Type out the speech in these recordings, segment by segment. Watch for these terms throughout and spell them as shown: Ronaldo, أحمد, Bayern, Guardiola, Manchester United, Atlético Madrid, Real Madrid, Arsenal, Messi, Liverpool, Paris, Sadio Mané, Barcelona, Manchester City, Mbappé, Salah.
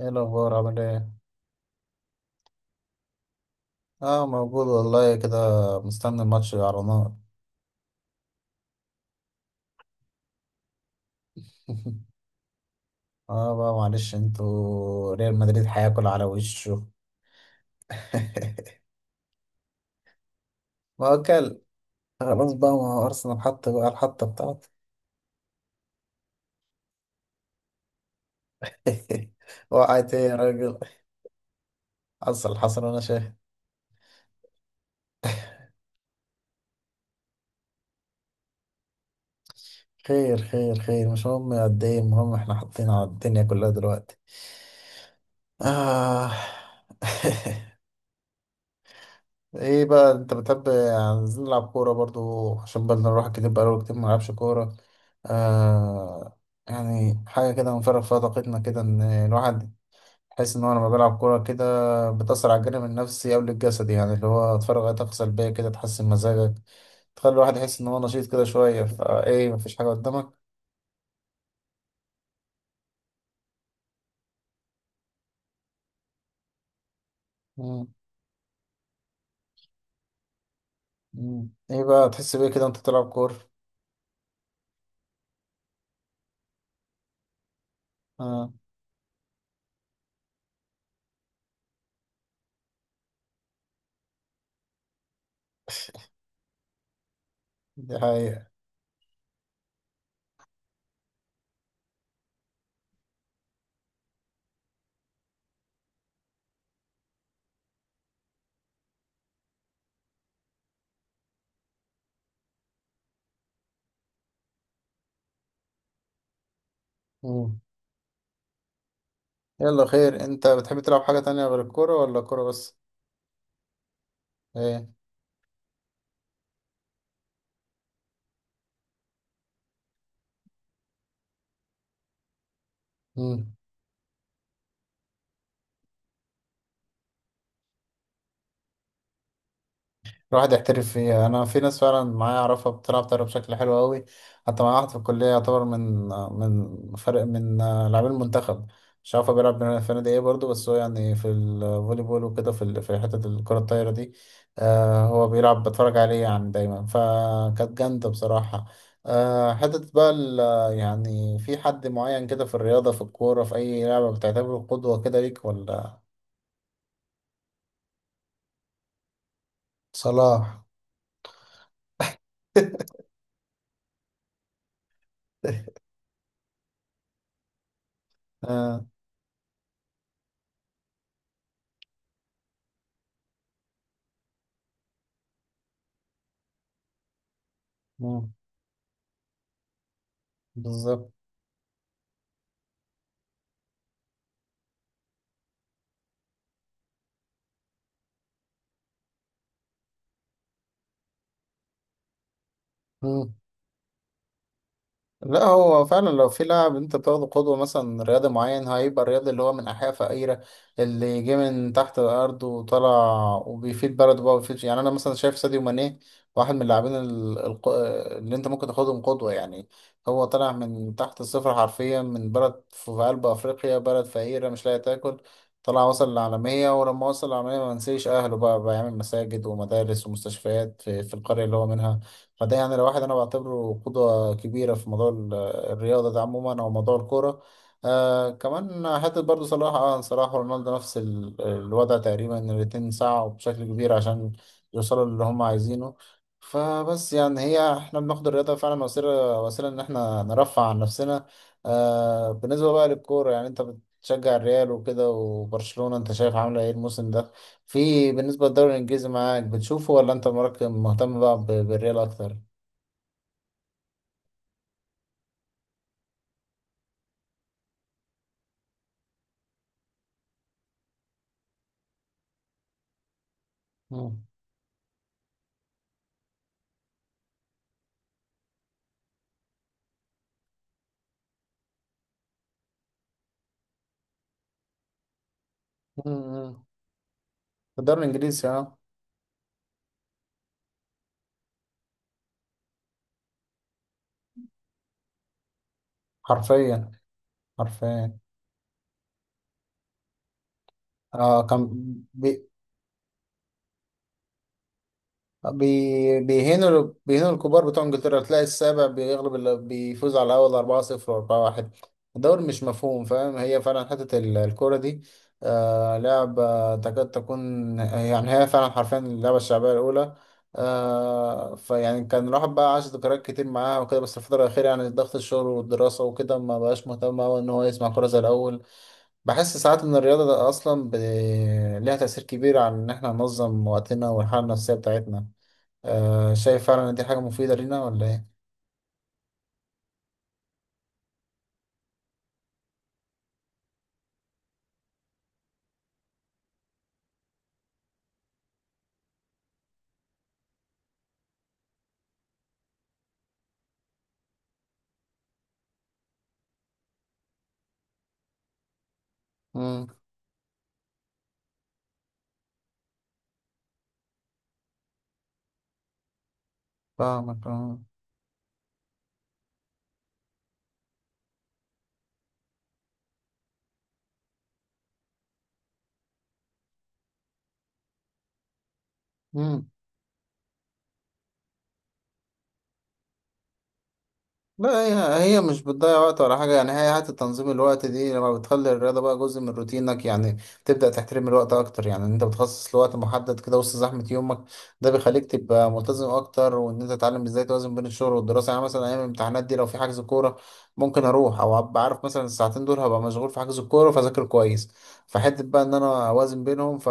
ايه الاخبار؟ عامل ايه؟ اه، موجود والله كده. مستني الماتش على نار. اه بقى، معلش، انتوا ريال مدريد هياكل على وشه. ما هو كل، خلاص بقى، ما هو ارسنال حط بقى الحطه بتاعته. وقعت ايه يا راجل؟ حصل حصل وانا شايف. خير خير خير، مش مهم قد ايه، المهم احنا حاطين على الدنيا كلها دلوقتي. آه. ايه بقى انت بتحب؟ عايزين نلعب كورة برضو، عشان بدل نروح كتير بقاله كتير ما نلعبش كورة. آه. يعني حاجة كده نفرغ فيها طاقتنا، كده ان الواحد يحس ان هو لما بيلعب كورة كده بتأثر على الجانب النفسي قبل الجسدي. يعني اللي هو تفرغ اي طاقة سلبية كده، تحسن مزاجك، تخلي الواحد يحس ان هو نشيط كده شوية، فايه مفيش حاجة قدامك. مم. مم. ايه بقى تحس بيه كده وانت بتلعب كورة؟ اه، دي حقيقة. مم. يلا خير، انت بتحب تلعب حاجة تانية غير الكورة ولا الكورة بس؟ ايه. مم. الواحد يحترف فيها. انا في ناس فعلا معايا اعرفها بتلعب طايره بشكل حلو قوي. حتى معايا واحد في الكليه يعتبر من فرق من لاعبين المنتخب. مش عارف هو بيلعب في نادي ايه برضه، بس هو يعني في الفولي بول وكده، في حته الكره الطايره دي. آه هو بيلعب، بتفرج عليه يعني دايما، فكانت جامده بصراحه. آه حته بقى ال- يعني في حد معين كده في الرياضه، في الكوره، في اي لعبه، بتعتبره قدوه كده ليك ولا؟ صلاح. آه. مم، بالظبط. مم. لا هو فعلا لو في لاعب انت بتاخده قدوة، مثلا رياضي معين، هيبقى الرياضي اللي هو من أحياء فقيرة، اللي جه من تحت الأرض وطلع وبيفيد بلده بقى وبيفيد. يعني أنا مثلا شايف ساديو ماني واحد من اللاعبين اللي انت ممكن تاخدهم قدوة يعني. هو طلع من تحت الصفر حرفيا، من بلد في في قلب أفريقيا، بلد فقيرة مش لاقي تاكل. طلع وصل للعالمية، ولما وصل للعالمية ما نسيش أهله بقى، بيعمل مساجد ومدارس ومستشفيات في القرية اللي هو منها. فده يعني لو واحد انا بعتبره قدوة كبيرة في موضوع الرياضة ده عموما او موضوع الكورة. آه كمان حتة برضو صلاح، اه صلاح ورونالدو نفس الوضع تقريبا. إن الاتنين سعوا بشكل كبير عشان يوصلوا للي هم عايزينه. فبس يعني هي احنا بناخد الرياضة فعلا وسيلة، وسيلة ان احنا نرفع عن نفسنا. آه بالنسبة بقى للكورة، يعني انت بتشجع الريال وكده، وبرشلونة انت شايف عاملة ايه الموسم ده؟ في بالنسبة للدوري الانجليزي معاك بتشوفه، ولا انت مركز مهتم بقى بالريال اكتر؟ مم. مم. في الدوري الانجليزي اه. حرفيا. حرفيا. اه كان، بي بي بيهينوا، بيهينوا الكبار بتوع انجلترا، تلاقي السابع بيغلب اللي بيفوز على الاول 4-0 و4-1. الدوري مش مفهوم، فاهم؟ هي فعلا حتة الكورة دي آه لعبة تكاد تكون يعني، هي فعلا حرفيا اللعبة الشعبية الأولى. آه فيعني كان الواحد بقى عاش ذكريات كتير معاها وكده، بس الفترة الأخيرة يعني ضغط الشغل والدراسة وكده ما بقاش مهتم أوي إن هو يسمع كورة زي الأول. بحس ساعات ان الرياضة ده اصلا ليها تأثير كبير على ان احنا ننظم وقتنا والحالة النفسية بتاعتنا. آه، شايف فعلا ان دي حاجة مفيدة لينا ولا ايه؟ امم. فاهمك. امم. لا، هي مش بتضيع وقت ولا حاجة. يعني هي حتى تنظيم الوقت دي، لما بتخلي الرياضة بقى جزء من روتينك، يعني بتبدأ تحترم الوقت أكتر. يعني إن أنت بتخصص لوقت محدد كده وسط زحمة يومك، ده بيخليك تبقى ملتزم أكتر، وإن أنت تتعلم إزاي توازن بين الشغل والدراسة. يعني مثلا أيام الامتحانات دي، لو في حجز كورة ممكن أروح، أو أبقى عارف مثلا الساعتين دول هبقى مشغول في حجز الكورة، فأذاكر كويس. فحتة بقى إن أنا أوازن بينهم. ف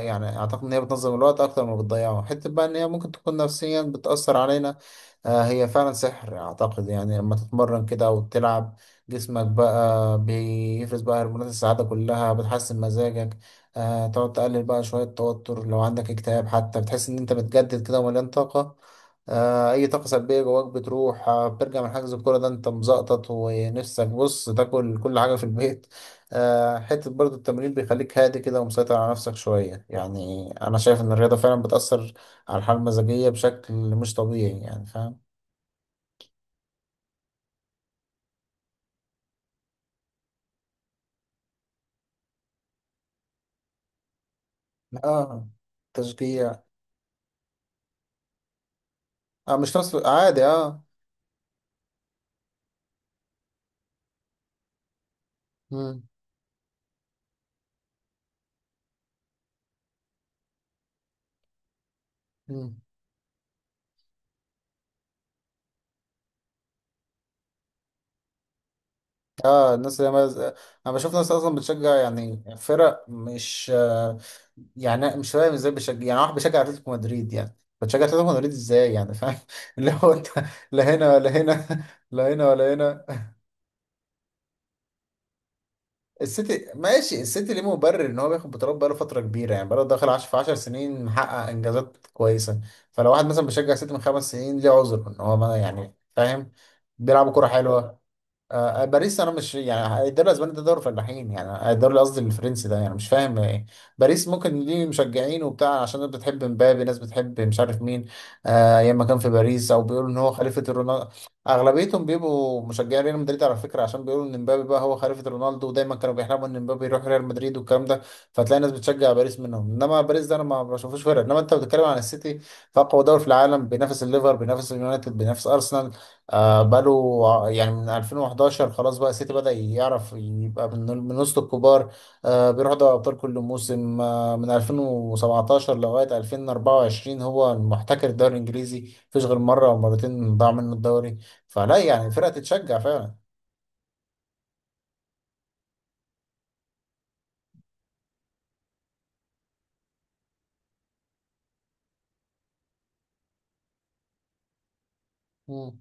يعني أعتقد إن هي بتنظم الوقت أكتر ما بتضيعه. حتة بقى إن هي ممكن تكون نفسيا بتأثر علينا. آه، هي فعلا سحر اعتقد. يعني لما تتمرن كده وتلعب، جسمك بقى بيفرز بقى هرمونات السعادة كلها، بتحسن مزاجك. آه تقعد تقلل بقى شوية توتر، لو عندك اكتئاب حتى بتحس ان انت متجدد كده ومليان طاقة. آه اي طاقة سلبية جواك بتروح. آه بترجع من حجز الكورة ده انت مزقطط، ونفسك بص تاكل كل حاجة في البيت. آه حتة برضو التمرين بيخليك هادي كده ومسيطر على نفسك شوية. يعني انا شايف ان الرياضة فعلا بتأثر على الحالة المزاجية بشكل مش طبيعي، يعني فاهم. اه. تشجيع. اه، مش ناس عادي، اه. مم. مم. اه الناس اللي انا بشوف ناس اصلا بتشجع يعني فرق مش، آه يعني أنا مش فاهم ازاي بيشجع. يعني واحد بيشجع اتلتيكو مدريد، يعني بتشجع اتلتيكو مدريد ازاي يعني، فاهم؟ اللي هو انت، لا هنا ولا هنا. لا هنا ولا هنا. السيتي ماشي، السيتي ليه مبرر ان هو بياخد بطولات بقاله فتره كبيره. يعني بقاله داخل في 10 سنين محقق انجازات كويسه. فلو واحد مثلا بيشجع السيتي من خمس سنين ليه عذر ان هو، ما يعني فاهم، بيلعبوا كوره حلوه. آه، آه، باريس انا مش يعني، الدوري الاسباني ده دوري فلاحين، يعني الدوري قصدي الفرنسي ده يعني مش فاهم ايه. باريس ممكن ليه مشجعين وبتاع عشان ناس بتحب مبابي، ناس بتحب مش عارف مين. آه ايام ما كان في باريس، او بيقولوا ان هو خليفة رونالدو. اغلبيتهم بيبقوا مشجعين ريال مدريد على فكرة، عشان بيقولوا ان مبابي بقى هو خليفة رونالدو، ودايما كانوا بيحلموا ان مبابي يروح ريال مدريد والكلام ده. فتلاقي ناس بتشجع باريس منهم، انما باريس ده انا ما بشوفوش فرق. انما انت بتتكلم عن السيتي، فاقوى دوري في العالم، بينافس الليفر، بينافس اليونايتد، بينافس ارسنال. آه بقاله يعني من 2011 خلاص بقى السيتي بدأ يعرف يبقى من وسط الكبار. آه بيروح دوري أبطال كل موسم. آه من 2017 لغاية 2024 هو المحتكر الدوري الإنجليزي، مفيش غير مرة أو مرتين ضاع منه الدوري. فلا يعني فرقة تتشجع فعلا. مم.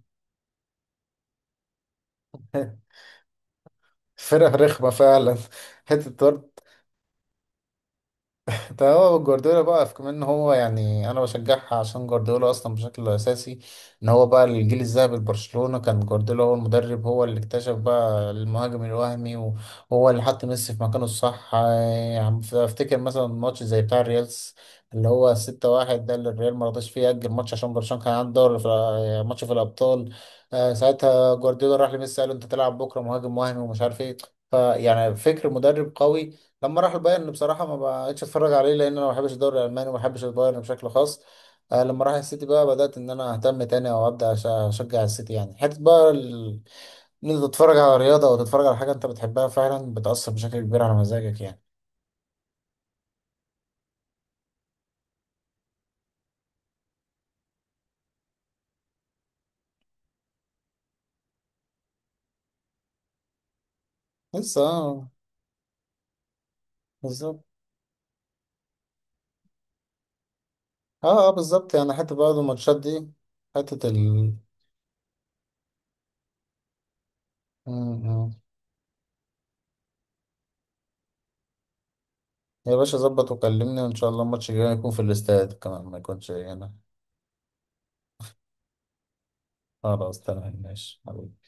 فرقة رخمة فعلا. حتة برضه. ده هو جوارديولا بقى في كمان، إن هو يعني انا بشجعها عشان جوارديولا اصلا بشكل اساسي. ان هو بقى الجيل الذهبي لبرشلونة كان جوارديولا هو المدرب، هو اللي اكتشف بقى المهاجم الوهمي، وهو اللي حط ميسي في مكانه الصح. يعني افتكر مثلا ماتش زي بتاع الريالز اللي هو 6-1 ده، اللي الريال ما رضاش فيه يأجل ماتش عشان برشلونة كان عنده دوري في، ماتش في الأبطال. آه، ساعتها جوارديولا راح لميسي قال له انت تلعب بكرة مهاجم وهمي ومش عارف ايه. فيعني فكر مدرب قوي. لما راح البايرن بصراحه ما بقتش اتفرج عليه، لان انا ما بحبش الدوري الالماني وما بحبش البايرن بشكل خاص. آه لما راح السيتي بقى بدات ان انا اهتم تاني، او ابدا اشجع السيتي. يعني حته بقى ان انت تتفرج على رياضه او تتفرج على حاجه انت بتحبها فعلا بتاثر بشكل كبير على مزاجك يعني. لسه اه. بالظبط. اه اه بالظبط. يعني حته برضه الماتشات دي، حته ال، م- م. يا باشا ظبط وكلمني، وان شاء الله الماتش الجاي يكون في الاستاد كمان ما يكونش هنا. خلاص تمام، ماشي حبيبي.